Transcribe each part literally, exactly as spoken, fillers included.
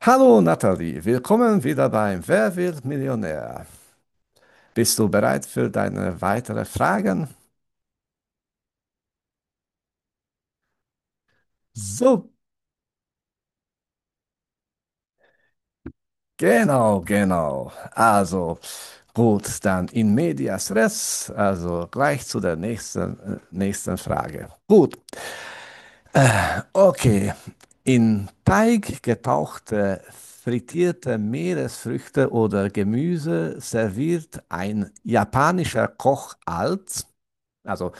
Hallo Nathalie, willkommen wieder beim Wer wird Millionär? Bist du bereit für deine weiteren Fragen? So, genau, genau. Also, gut, dann in medias res, also gleich zu der nächsten, äh, nächsten Frage. Gut, okay. In Teig getauchte, frittierte Meeresfrüchte oder Gemüse serviert ein japanischer Koch als, also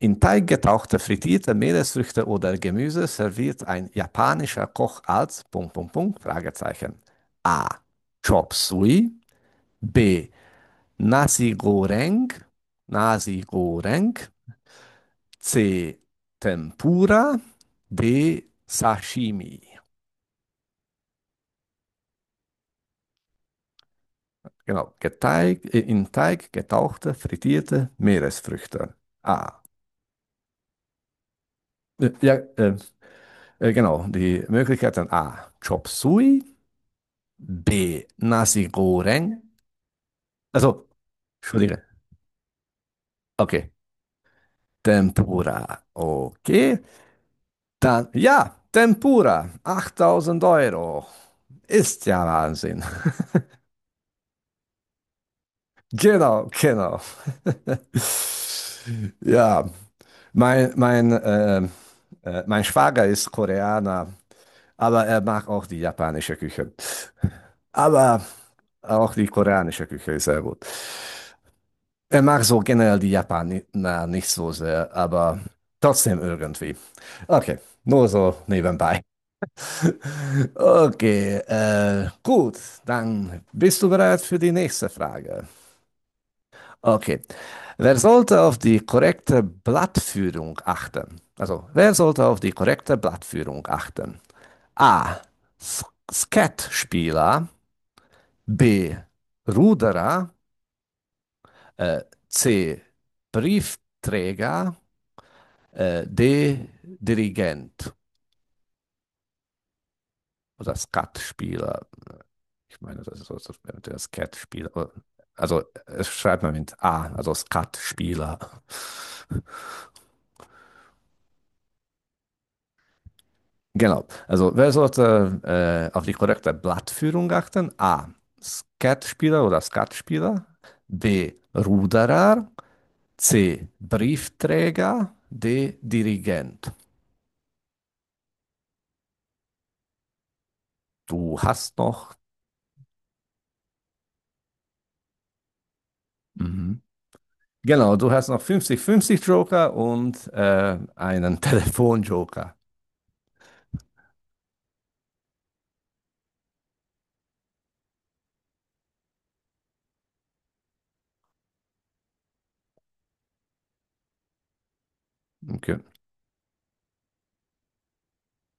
In Teig getauchte frittierte Meeresfrüchte oder Gemüse serviert ein japanischer Koch als Punkt, Punkt, Punkt, Fragezeichen. A. Chop Suey. B. Nasi Goreng. Nasi Goreng. C. Tempura. D. Sashimi. Genau. Geteig, äh, in Teig getauchte frittierte Meeresfrüchte. A. Äh, Ja, äh, äh, genau. Die Möglichkeiten A. Chop Suey. B. Nasi Goreng. Also, Entschuldige. Okay. Tempura. Okay. Dann, ja, Tempura. achttausend Euro. Ist ja Wahnsinn. Genau, genau. Ja, mein, mein, ähm, äh, mein Schwager ist Koreaner, aber er mag auch die japanische Küche. Aber auch die koreanische Küche ist sehr gut. Er mag so generell die Japaner nicht so sehr, aber trotzdem irgendwie. Okay, nur so nebenbei. Okay, äh, gut, dann bist du bereit für die nächste Frage. Okay, wer sollte auf die korrekte Blattführung achten? Also, wer sollte auf die korrekte Blattführung achten? A. S- Skatspieler, B. Ruderer, äh, C. Briefträger. Äh, D. Dirigent oder Skatspieler. Ich meine, das ist so, so der Skatspieler. Also es schreibt man mit A, also Skatspieler. Genau. Also wer sollte äh, auf die korrekte Blattführung achten? A. Skatspieler oder Skatspieler. B. Ruderer. C. Briefträger. D. Dirigent. Du hast noch Mhm. Genau, du hast noch fünfzig fünfzig Joker und äh, einen Telefon-Joker. Okay.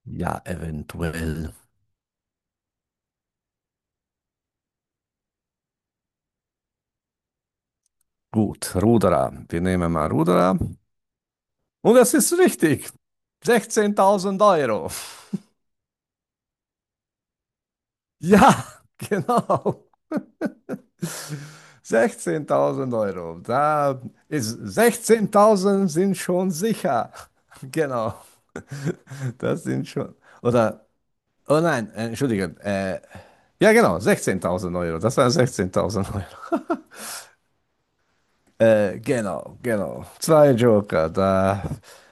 Ja, eventuell. Gut, Ruderer. Wir nehmen mal Ruderer. Und das ist richtig. sechzehntausend Euro. Ja, genau. sechzehntausend Euro. Da ist sechzehntausend sind schon sicher. Genau. Das sind schon. Oder, oh nein, äh, entschuldige. Äh, Ja, genau, sechzehntausend Euro. Das waren sechzehntausend Euro. Äh, genau, genau. Zwei Joker, da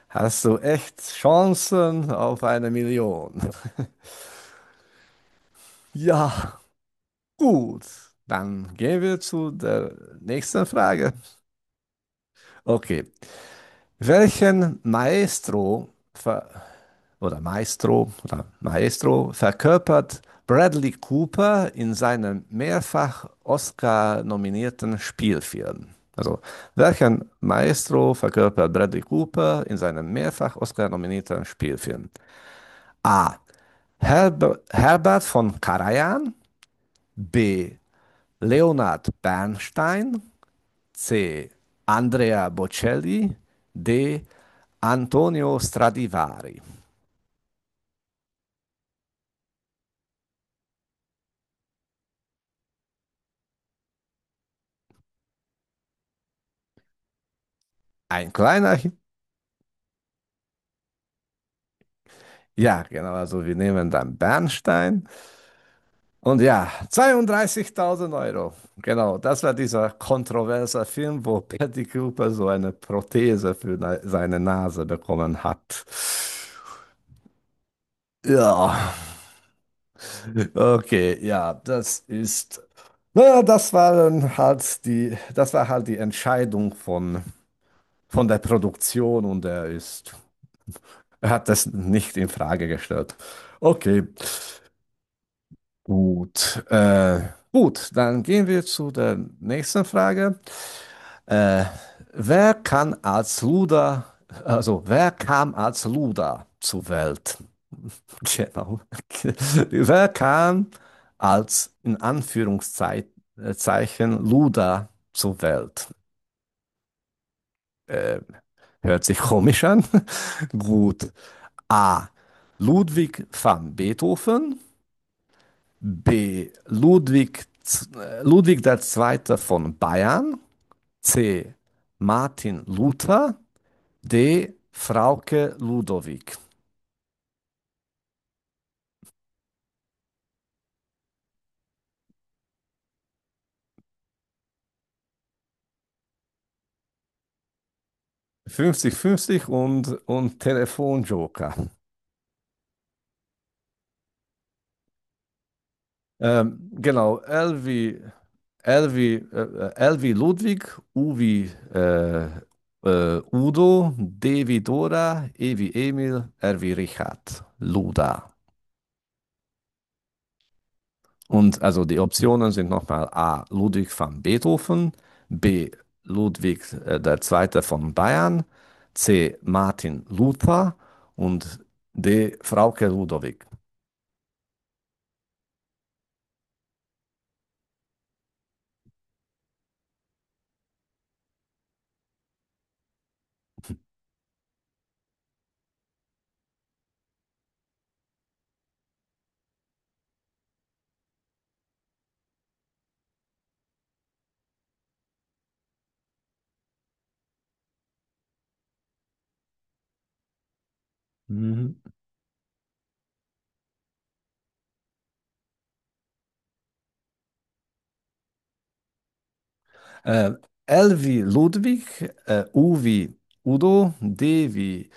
hast du echt Chancen auf eine Million. Ja, gut. Dann gehen wir zu der nächsten Frage. Okay. Welchen Maestro ver oder Maestro oder Maestro verkörpert Bradley Cooper in seinem mehrfach Oscar-nominierten Spielfilm. Also, welchen Maestro verkörpert Bradley Cooper in seinem mehrfach Oscar-nominierten Spielfilm? A. Herber, Herbert von Karajan. B. Leonard Bernstein. C. Andrea Bocelli. D. Antonio Stradivari. Ein kleiner Ja, genau. Also wir nehmen dann Bernstein. Und ja, zweiunddreißigtausend Euro. Genau, das war dieser kontroverse Film, wo Patty Cooper so eine Prothese für na- seine Nase bekommen hat. Ja, okay, ja, das ist. Naja, das waren halt die, das war halt die Entscheidung von, von der Produktion und er ist, er hat das nicht in Frage gestellt. Okay. Gut, äh, gut, dann gehen wir zu der nächsten Frage. Äh, wer kann als Luda, also wer kam als Luda zur Welt? Genau. Wer kam als in Anführungszeichen Luda zur Welt? Äh, Hört sich komisch an. Gut. A. Ludwig van Beethoven. B. Ludwig, äh, Ludwig der Zweite von Bayern. C. Martin Luther. D. Frauke Ludowig. Fünfzig, fünfzig und, und Telefonjoker. Ähm, genau, L wie, L wie, äh, L wie Ludwig, U wie äh, äh, Udo, D wie Dora, E wie Emil, R wie Richard. Luda. Und also die Optionen sind nochmal A. Ludwig van Beethoven, B. Ludwig äh, der Zweite von Bayern, C. Martin Luther und D. Frauke Ludowig. Mhm. Äh, L wie Ludwig, äh, U wie Udo, D wie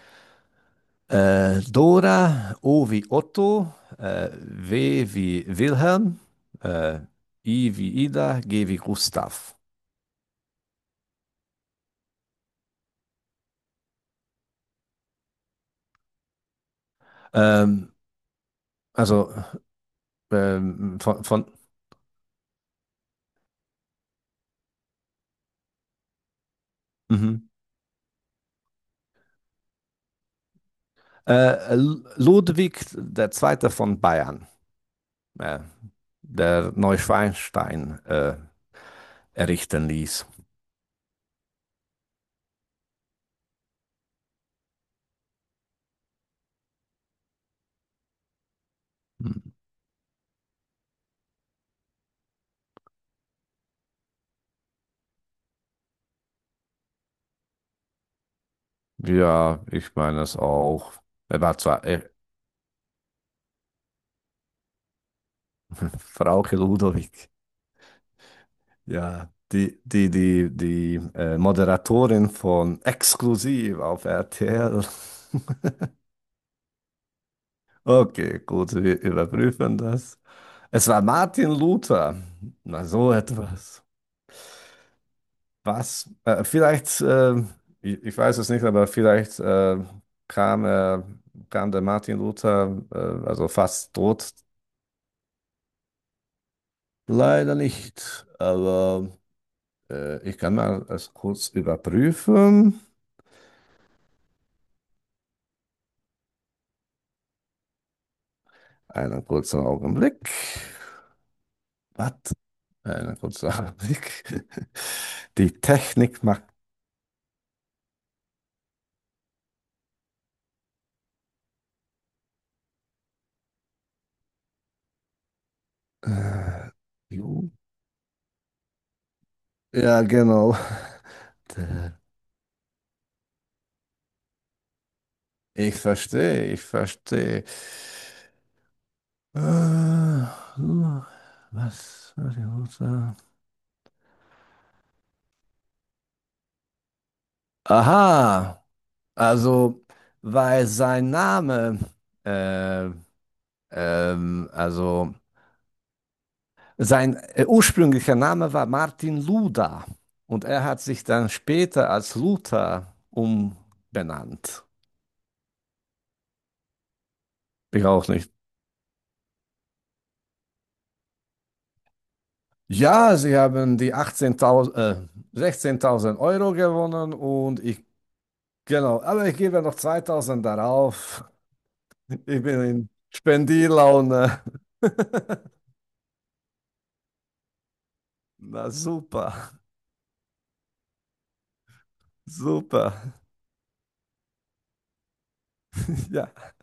äh, Dora, O wie Otto, äh, W wie Wilhelm, äh, I wie Ida, G wie Gustav. Ähm, also ähm, von, von Mhm. Äh, Ludwig der Zweite von Bayern, äh, der Neuschwanstein äh, errichten ließ. Mhm. Ja, ich meine es auch. Er war zwar äh, Frauke Ludwig, ja, die, die, die, die äh, Moderatorin von Exklusiv auf R T L. Okay, gut, wir überprüfen das. Es war Martin Luther. Na, so etwas. Was? Äh, vielleicht, äh, ich, ich weiß es nicht, aber vielleicht äh, kam, äh, kam der Martin Luther, äh, also fast tot. Leider nicht, aber äh, ich kann mal es kurz überprüfen. Einen kurzen Augenblick. Was? Einen kurzen Augenblick. Die Technik macht. Ju- Ja, genau. Ich verstehe, ich verstehe. Äh, so, was? was ich muss sagen? Aha, also weil sein Name, äh, ähm, also sein äh, ursprünglicher Name war Martin Luther und er hat sich dann später als Luther umbenannt. Ich auch nicht. Ja, sie haben die achtzehntausend, äh, sechzehntausend Euro gewonnen und ich, genau, aber ich gebe noch zweitausend darauf. Ich bin in Spendilaune. Na super, super. Ja,